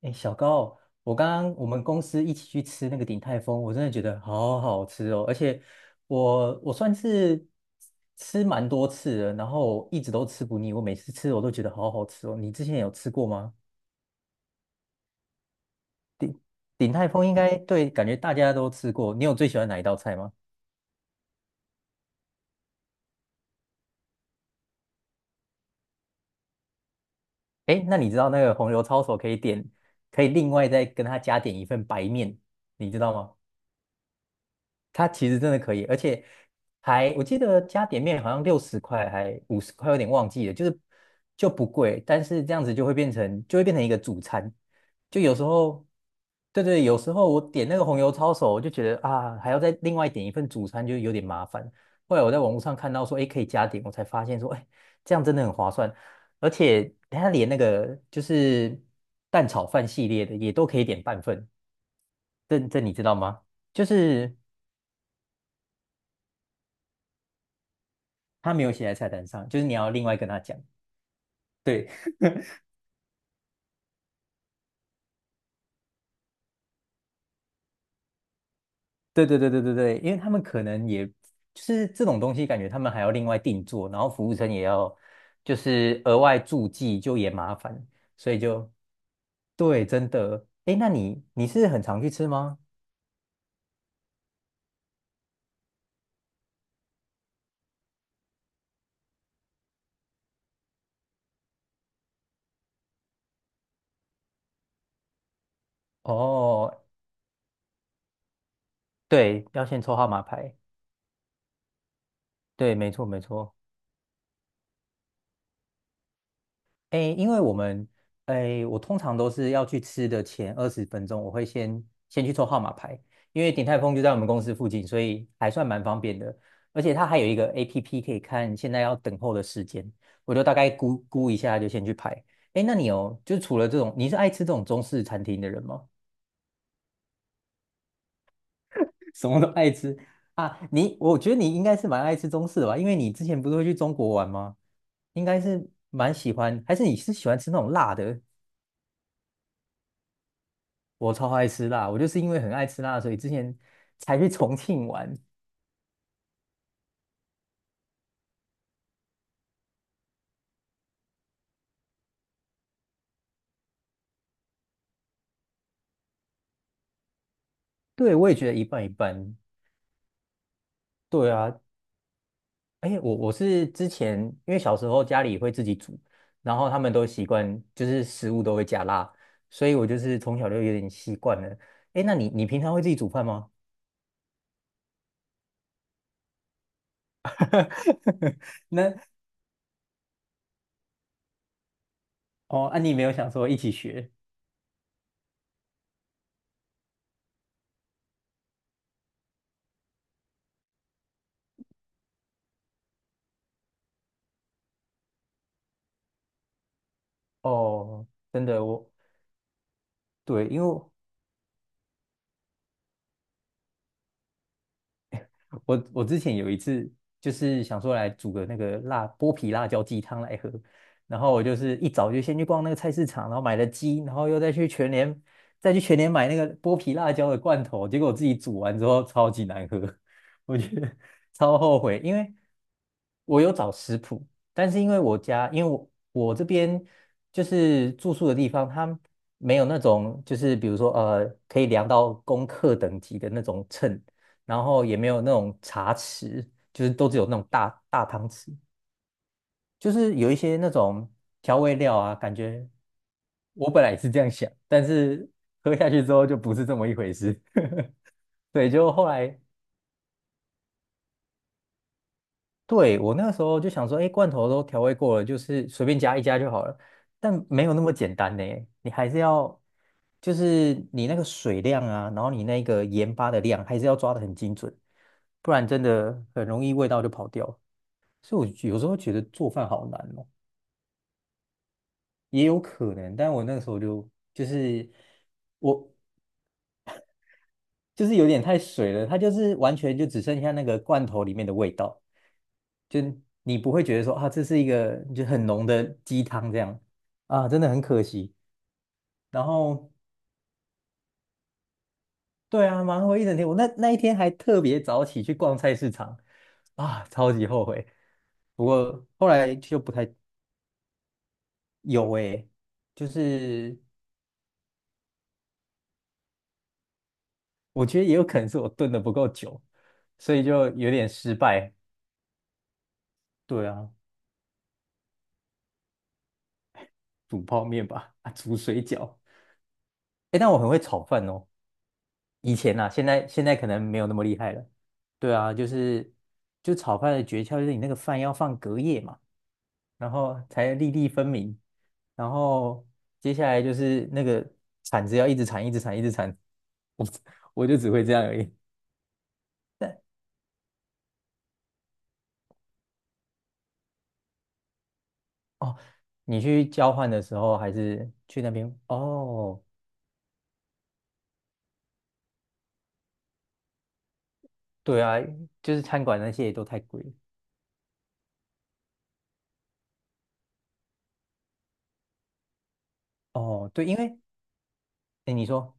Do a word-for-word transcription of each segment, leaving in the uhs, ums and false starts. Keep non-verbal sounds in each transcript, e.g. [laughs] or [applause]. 哎，小高，我刚刚我们公司一起去吃那个鼎泰丰，我真的觉得好好吃哦，而且我我算是吃蛮多次了，然后一直都吃不腻，我每次吃我都觉得好好吃哦。你之前有吃过吗？鼎泰丰应该对，感觉大家都吃过。你有最喜欢哪一道菜吗？哎，那你知道那个红油抄手可以点，可以另外再跟他加点一份白面，你知道吗？它其实真的可以，而且还我记得加点面好像六十块还五十块，有点忘记了，就是就不贵，但是这样子就会变成就会变成一个主餐，就有时候对对，有时候我点那个红油抄手，我就觉得啊还要再另外点一份主餐，就有点麻烦。后来我在网络上看到说，哎，可以加点，我才发现说，哎，这样真的很划算，而且它连那个就是蛋炒饭系列的也都可以点半份，这这你知道吗？就是。他没有写在菜单上，就是你要另外跟他讲。对，对对对对对对，因为他们可能也就是这种东西，感觉他们还要另外定做，然后服务生也要就是额外注记，就也麻烦，所以就对，真的。哎，那你你是很常去吃吗？哦，对，要先抽号码牌。对，没错没错。诶，因为我们，诶，我通常都是要去吃的前二十分钟，我会先先去抽号码牌，因为鼎泰丰就在我们公司附近，所以还算蛮方便的。而且它还有一个 A P P 可以看现在要等候的时间，我就大概估估一下就先去排。诶，那你有，就是除了这种，你是爱吃这种中式餐厅的人吗？[laughs] 什么都爱吃啊？你，我觉得你应该是蛮爱吃中式的吧，因为你之前不是会去中国玩吗？应该是蛮喜欢，还是你是喜欢吃那种辣的？我超爱吃辣，我就是因为很爱吃辣，所以之前才去重庆玩。对，我也觉得一半一半。对啊，哎，我我是之前因为小时候家里会自己煮，然后他们都习惯就是食物都会加辣，所以我就是从小就有点习惯了。哎，那你你平常会自己煮饭吗？[laughs] 那哦，啊，你没有想说一起学哦？真的，我对，因为。我我之前有一次就是想说来煮个那个辣剥皮辣椒鸡汤来喝，然后我就是一早就先去逛那个菜市场，然后买了鸡，然后又再去全联再去全联买那个剥皮辣椒的罐头，结果我自己煮完之后超级难喝，我觉得 [laughs] 超后悔，因为我有找食谱，但是因为我家因为我我这边就是住宿的地方，它没有那种就是比如说呃可以量到公克等级的那种秤。然后也没有那种茶匙，就是都只有那种大大汤匙，就是有一些那种调味料啊，感觉我本来也是这样想，但是喝下去之后就不是这么一回事。[laughs] 对，就后来对我那个时候就想说，哎，罐头都调味过了，就是随便加一加就好了，但没有那么简单呢，你还是要。就是你那个水量啊，然后你那个盐巴的量，还是要抓得很精准，不然真的很容易味道就跑掉。所以我有时候觉得做饭好难哦，也有可能，但我那个时候就就是我就是有点太水了，它就是完全就只剩下那个罐头里面的味道，就你不会觉得说啊，这是一个就很浓的鸡汤这样啊，真的很可惜。然后对啊，忙活一整天，我那那一天还特别早起去逛菜市场啊，超级后悔。不过后来就不太有诶、就是我觉得也有可能是我炖的不够久，所以就有点失败。对啊，煮泡面吧，啊，煮水饺。哎，但我很会炒饭哦，以前啊，现在现在可能没有那么厉害了。对啊，就是就炒饭的诀窍就是你那个饭要放隔夜嘛，然后才粒粒分明，然后接下来就是那个铲子要一直铲，一直铲，一直铲，我就只会这样而已。但哦，你去交换的时候还是去那边哦？对啊，就是餐馆那些也都太贵了哦，对，因为哎，你说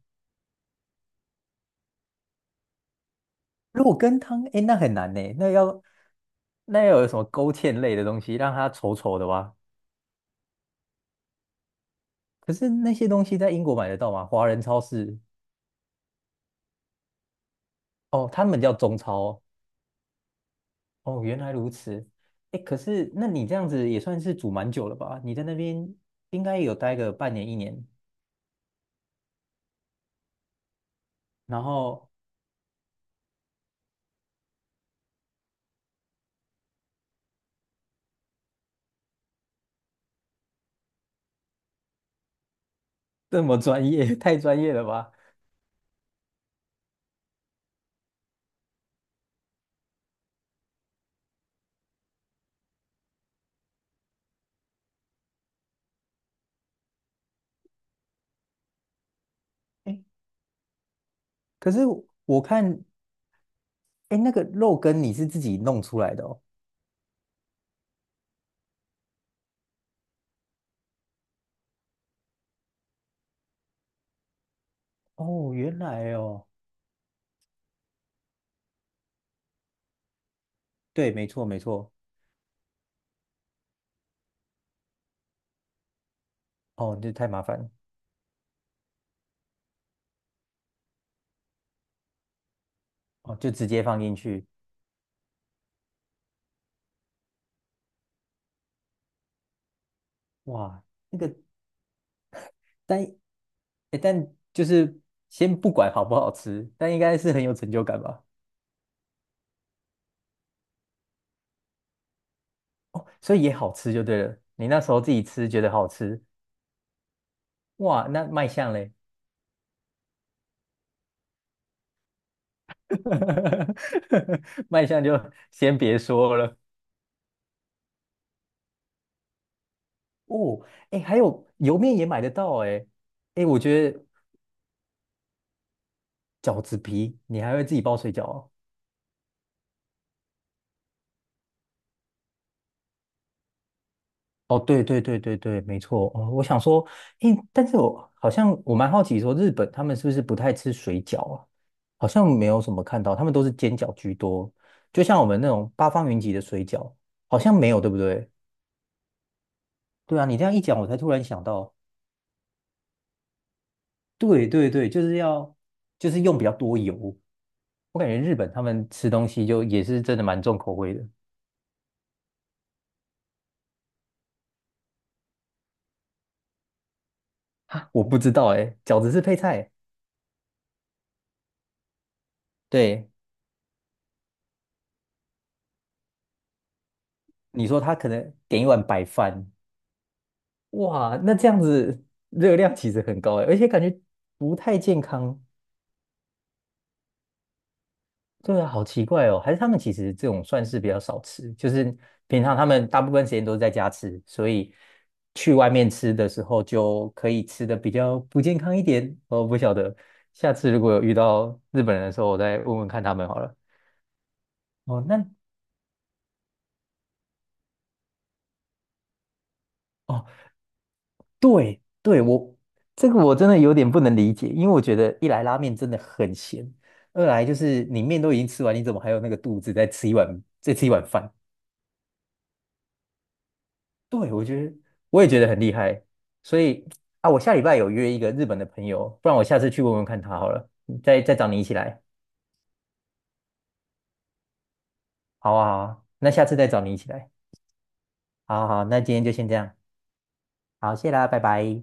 肉羹汤，哎，那很难呢，那要那要有什么勾芡类的东西，让它稠稠的哇。可是那些东西在英国买得到吗？华人超市哦，他们叫中超哦。哦，原来如此。哎，可是那你这样子也算是煮蛮久了吧？你在那边应该有待个半年一年，然后这么专业，[laughs] 太专业了吧？哎，可是我看，哎，那个肉羹你是自己弄出来的哦。哦，原来哦，对，没错没错，哦，这太麻烦了，哦，就直接放进去，哇，那个但，诶但就是先不管好不好吃，但应该是很有成就感吧？哦，所以也好吃就对了，你那时候自己吃觉得好吃，哇，那卖相嘞，[laughs] 卖相就先别说了。哦，哎，还有油面也买得到哎，哎，我觉得饺子皮你还会自己包水饺哦哦，对对对对对，没错。哦，我想说，诶，但是我好像我蛮好奇说，日本他们是不是不太吃水饺啊？好像没有什么看到，他们都是煎饺居多。就像我们那种八方云集的水饺，好像没有，对不对？对啊，你这样一讲，我才突然想到，对对对，就是要就是用比较多油。我感觉日本他们吃东西就也是真的蛮重口味的。哈，我不知道诶，饺子是配菜，对，你说他可能点一碗白饭。哇，那这样子热量其实很高哎，而且感觉不太健康。对啊，好奇怪哦，还是他们其实这种算是比较少吃，就是平常他们大部分时间都是在家吃，所以去外面吃的时候就可以吃的比较不健康一点。我不晓得，下次如果有遇到日本人的时候，我再问问看他们好了。哦，那哦，对对，我这个我真的有点不能理解，因为我觉得一来拉面真的很咸，二来就是你面都已经吃完，你怎么还有那个肚子再吃一碗再吃一碗饭？对，我觉得我也觉得很厉害，所以啊，我下礼拜有约一个日本的朋友，不然我下次去问问看他好了，再再找你一起来，好啊好啊，那下次再找你一起来，好好好那今天就先这样，好，谢啦，拜拜。